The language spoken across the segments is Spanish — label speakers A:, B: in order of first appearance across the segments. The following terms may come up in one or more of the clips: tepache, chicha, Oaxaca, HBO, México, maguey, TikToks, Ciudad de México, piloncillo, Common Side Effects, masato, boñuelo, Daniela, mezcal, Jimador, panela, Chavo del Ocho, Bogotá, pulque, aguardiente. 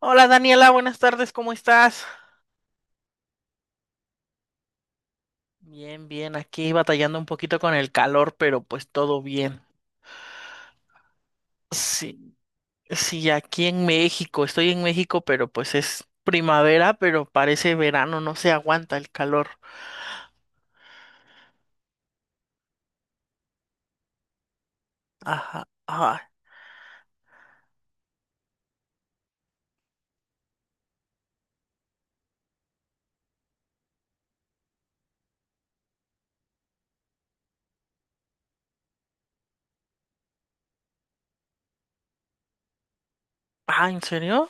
A: Hola Daniela, buenas tardes, ¿cómo estás? Bien, bien, aquí batallando un poquito con el calor, pero pues todo bien. Sí, sí, aquí en México, estoy en México, pero pues es primavera, pero parece verano, no se aguanta el calor. Ajá, ajá. Ah, ¿en serio?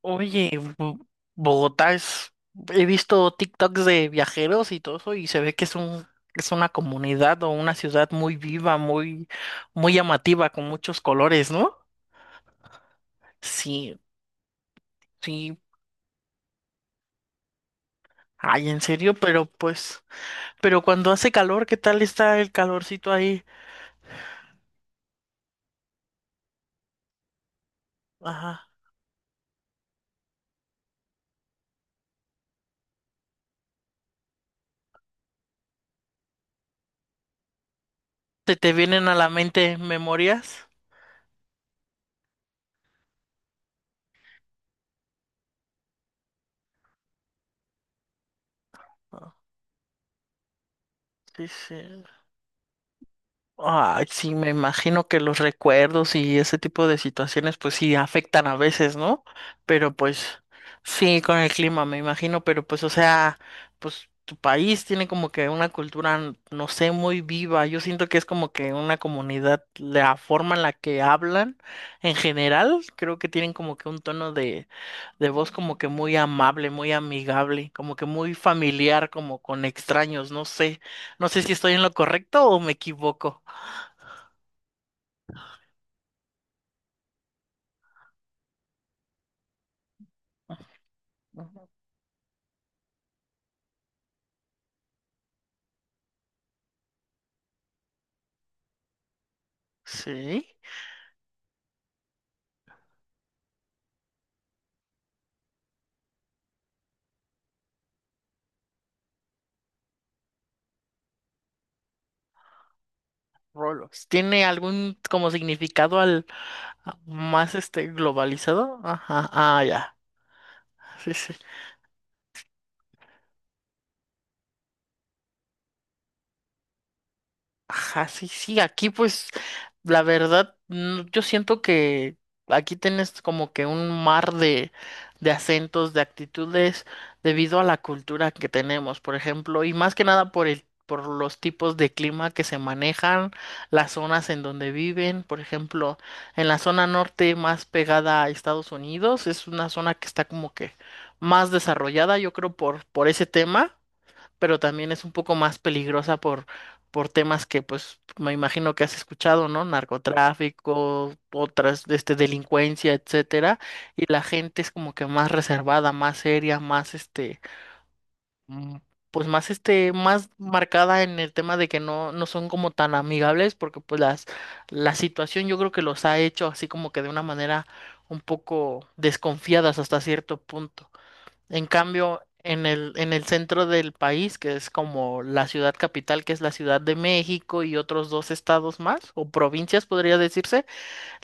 A: Oye, Bo- Bogotá es. He visto TikToks de viajeros y todo eso y se ve que es una comunidad o una ciudad muy viva, muy, muy llamativa, con muchos colores, ¿no? Sí. Sí, ay, en serio, pero pues, cuando hace calor, ¿qué tal está el calorcito ahí? Ajá. ¿Se te vienen a la mente memorias? Ah, sí, sí. Ay, sí, me imagino que los recuerdos y ese tipo de situaciones, pues sí, afectan a veces, ¿no? Pero pues sí, con el clima, me imagino, pero pues, o sea, pues tu país tiene como que una cultura, no sé, muy viva. Yo siento que es como que una comunidad, la forma en la que hablan en general, creo que tienen como que un tono de voz como que muy amable, muy amigable, como que muy familiar, como con extraños, no sé. No sé si estoy en lo correcto o me equivoco. Ujú. Sí, rolos. ¿Tiene algún como significado más este globalizado? Ajá, ah, ya. Sí, sí. Ajá, sí, sí, aquí pues la verdad yo siento que aquí tienes como que un mar de acentos, de actitudes debido a la cultura que tenemos, por ejemplo, y más que nada por los tipos de clima que se manejan, las zonas en donde viven, por ejemplo, en la zona norte más pegada a Estados Unidos, es una zona que está como que más desarrollada, yo creo, por ese tema pero también es un poco más peligrosa por temas que, pues, me imagino que has escuchado, ¿no? Narcotráfico, otras, este, delincuencia, etcétera. Y la gente es como que más reservada, más seria, más, este, mm, pues, más, este, más marcada en el tema de que no, no son como tan amigables, porque, pues, la situación yo creo que los ha hecho así como que de una manera un poco desconfiadas hasta cierto punto. En cambio, en el centro del país, que es como la ciudad capital, que es la Ciudad de México y otros dos estados más, o provincias podría decirse,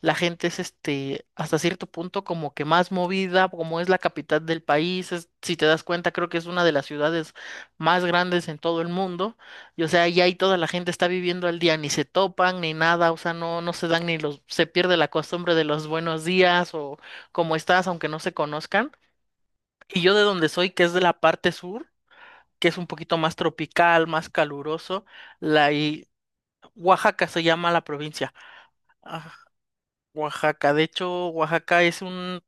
A: la gente es este, hasta cierto punto como que más movida, como es la capital del país, si te das cuenta, creo que es una de las ciudades más grandes en todo el mundo, y o sea, ya ahí toda la gente está viviendo al día, ni se topan, ni nada, o sea, no, no se dan ni los, se pierde la costumbre de los buenos días o cómo estás, aunque no se conozcan. Y yo de donde soy, que es de la parte sur, que es un poquito más tropical, más caluroso, la y Oaxaca se llama la provincia. Ah, Oaxaca, de hecho, Oaxaca es un,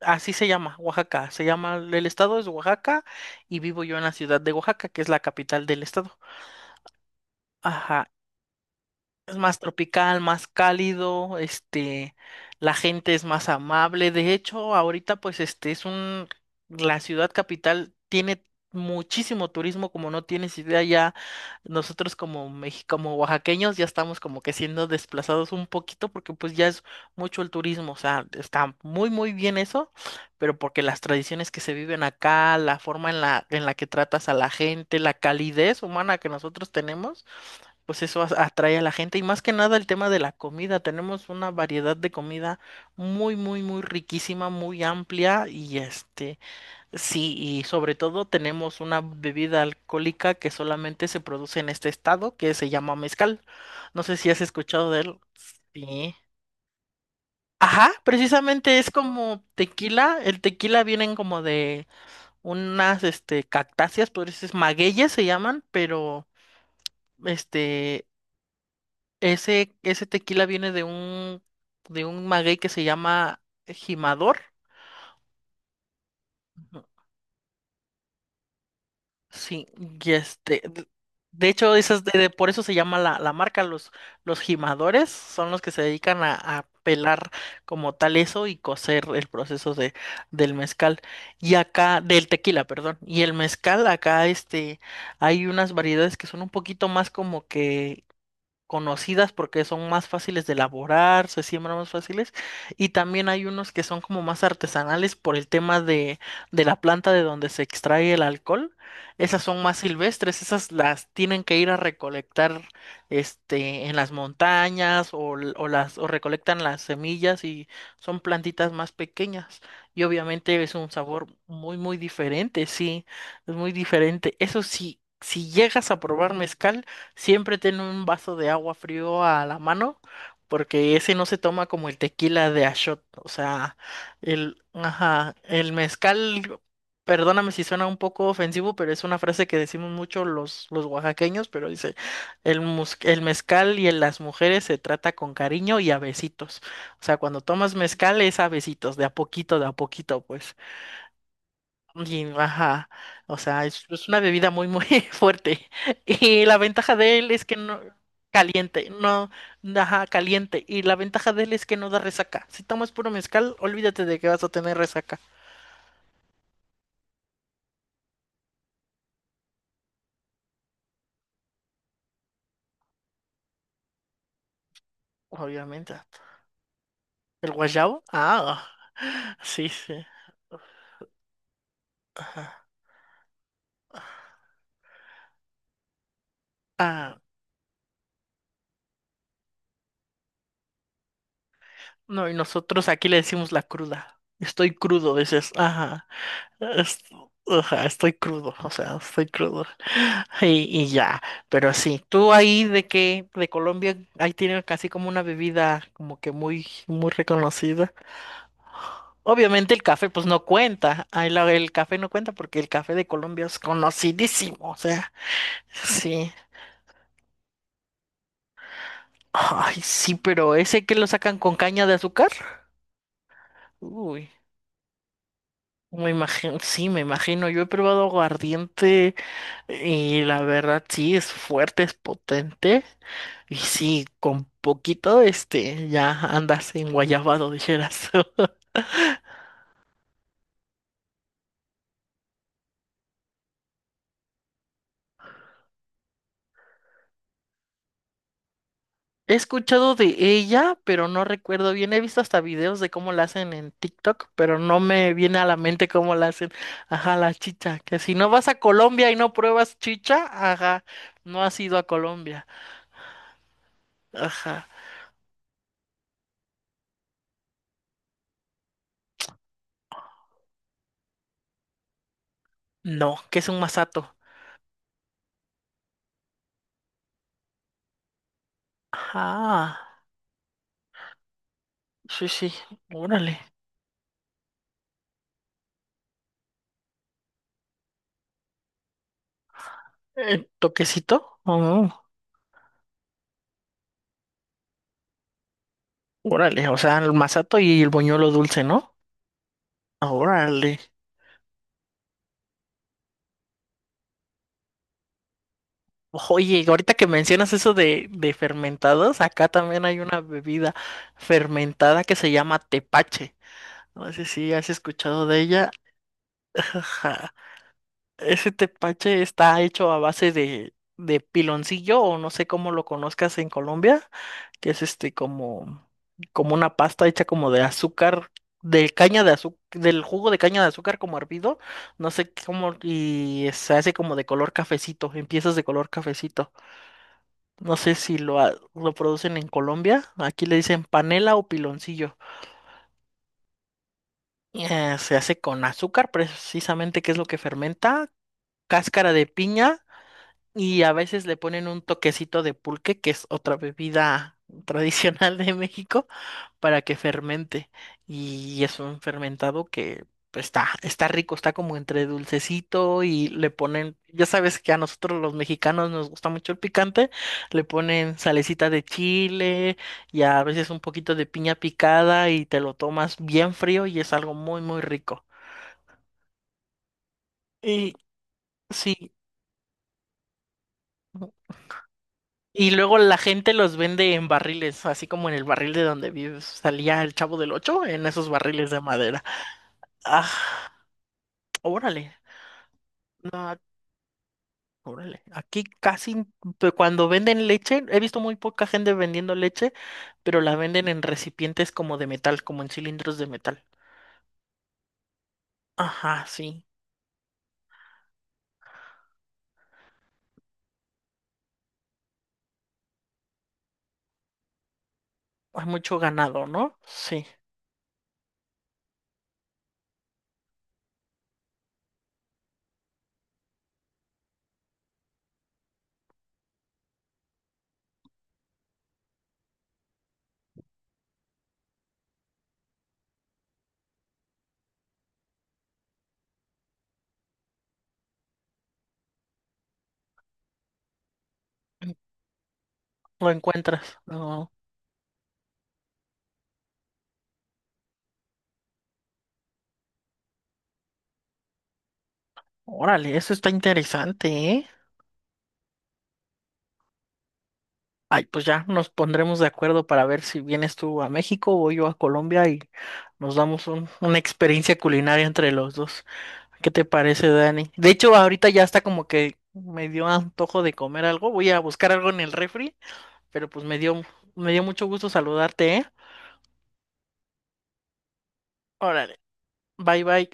A: así se llama, Oaxaca, se llama, el estado es Oaxaca y vivo yo en la ciudad de Oaxaca, que es la capital del estado. Ajá, es más tropical, más cálido, este, la gente es más amable. De hecho, ahorita pues este es un, la ciudad capital tiene muchísimo turismo, como no tienes idea ya, nosotros como oaxaqueños ya estamos como que siendo desplazados un poquito porque pues ya es mucho el turismo, o sea, está muy muy bien eso, pero porque las tradiciones que se viven acá, la forma en la que tratas a la gente, la calidez humana que nosotros tenemos pues eso atrae a la gente y más que nada el tema de la comida. Tenemos una variedad de comida muy, muy, muy riquísima, muy amplia y este, sí, y sobre todo tenemos una bebida alcohólica que solamente se produce en este estado que se llama mezcal. No sé si has escuchado de él. Sí. Ajá, precisamente es como tequila. El tequila vienen como de unas, este, cactáceas, por eso es magueyes se llaman, pero, este, ese tequila viene de un maguey que se llama Jimador. Ujú. Sí, y este, de hecho, esas por eso se llama la, marca, los jimadores son los que se dedican a pelar como tal eso y cocer el proceso del mezcal. Y acá, del tequila, perdón. Y el mezcal, acá este, hay unas variedades que son un poquito más como que conocidas porque son más fáciles de elaborar, se siembran más fáciles, y también hay unos que son como más artesanales por el tema de la planta de donde se extrae el alcohol. Esas son más silvestres, esas las tienen que ir a recolectar este, en las montañas o, o las, o recolectan las semillas y son plantitas más pequeñas. Y obviamente es un sabor muy, muy diferente, sí, es muy diferente. Eso sí, si llegas a probar mezcal, siempre ten un vaso de agua frío a la mano, porque ese no se toma como el tequila de a shot. O sea, el, ajá, el mezcal, perdóname si suena un poco ofensivo, pero es una frase que decimos mucho los oaxaqueños, pero dice, el mezcal y en las mujeres se trata con cariño y a besitos. O sea, cuando tomas mezcal es a besitos, de a poquito, pues. Y, ajá, o sea, es una bebida muy, muy fuerte. Y la ventaja de él es que no, caliente, no, ajá, caliente. Y la ventaja de él es que no da resaca. Si tomas puro mezcal, olvídate de que vas a tener resaca. Obviamente. ¿El guayabo? Ah, sí, sí. Ajá, ah, no, y nosotros aquí le decimos la cruda. Estoy crudo, dices. Ajá. Es- ajá, estoy crudo, o sea, estoy crudo. Y ya, pero sí, tú ahí de que de Colombia, ahí tienen casi como una bebida como que muy, muy reconocida. Obviamente el café pues no cuenta, ahí el café no cuenta porque el café de Colombia es conocidísimo, o sea, sí. Ay, sí, pero ese que lo sacan con caña de azúcar. Uy, me imagino, sí, me imagino, yo he probado aguardiente. Y la verdad sí es fuerte, es potente. Y sí, con poquito, este, ya andas en guayabado, dijeras. He escuchado de ella, pero no recuerdo bien. He visto hasta videos de cómo la hacen en TikTok, pero no me viene a la mente cómo la hacen. Ajá, la chicha. Que si no vas a Colombia y no pruebas chicha, ajá, no has ido a Colombia. Ajá. No, que es un masato. Ajá. Sí, sí. Órale. ¿Toquecito? Oh. Órale, o sea, el masato y el boñuelo dulce, ¿no? Órale. Oye, ahorita que mencionas eso de fermentados, acá también hay una bebida fermentada que se llama tepache. No sé si has escuchado de ella. Ajá. Ese tepache está hecho a base de piloncillo o no sé cómo lo conozcas en Colombia. Que es este como, una pasta hecha como de azúcar, de caña de azúcar, del jugo de caña de azúcar como hervido, no sé cómo, y se hace como de color cafecito, en piezas de color cafecito. No sé si lo producen en Colombia, aquí le dicen panela o piloncillo. Se hace con azúcar, precisamente, que es lo que fermenta, cáscara de piña. Y a veces le ponen un toquecito de pulque, que es otra bebida tradicional de México. Para que fermente. Y es un fermentado que pues, está rico, está como entre dulcecito y le ponen, ya sabes que a nosotros los mexicanos nos gusta mucho el picante, le ponen salecita de chile y a veces un poquito de piña picada y te lo tomas bien frío y es algo muy, muy rico. Y sí. Y luego la gente los vende en barriles, así como en el barril de donde vives. Salía el Chavo del Ocho en esos barriles de madera. Ah, órale. No, órale, aquí casi cuando venden leche, he visto muy poca gente vendiendo leche, pero la venden en recipientes como de metal, como en cilindros de metal. Ajá, sí. Hay mucho ganado, ¿no? Sí. Lo encuentras. No. Órale, eso está interesante, ¿eh? Ay, pues ya nos pondremos de acuerdo para ver si vienes tú a México o yo a Colombia y nos damos una experiencia culinaria entre los dos. ¿Qué te parece, Dani? De hecho, ahorita ya está como que me dio antojo de comer algo. Voy a buscar algo en el refri, pero pues me dio mucho gusto saludarte, ¿eh? Órale, bye bye.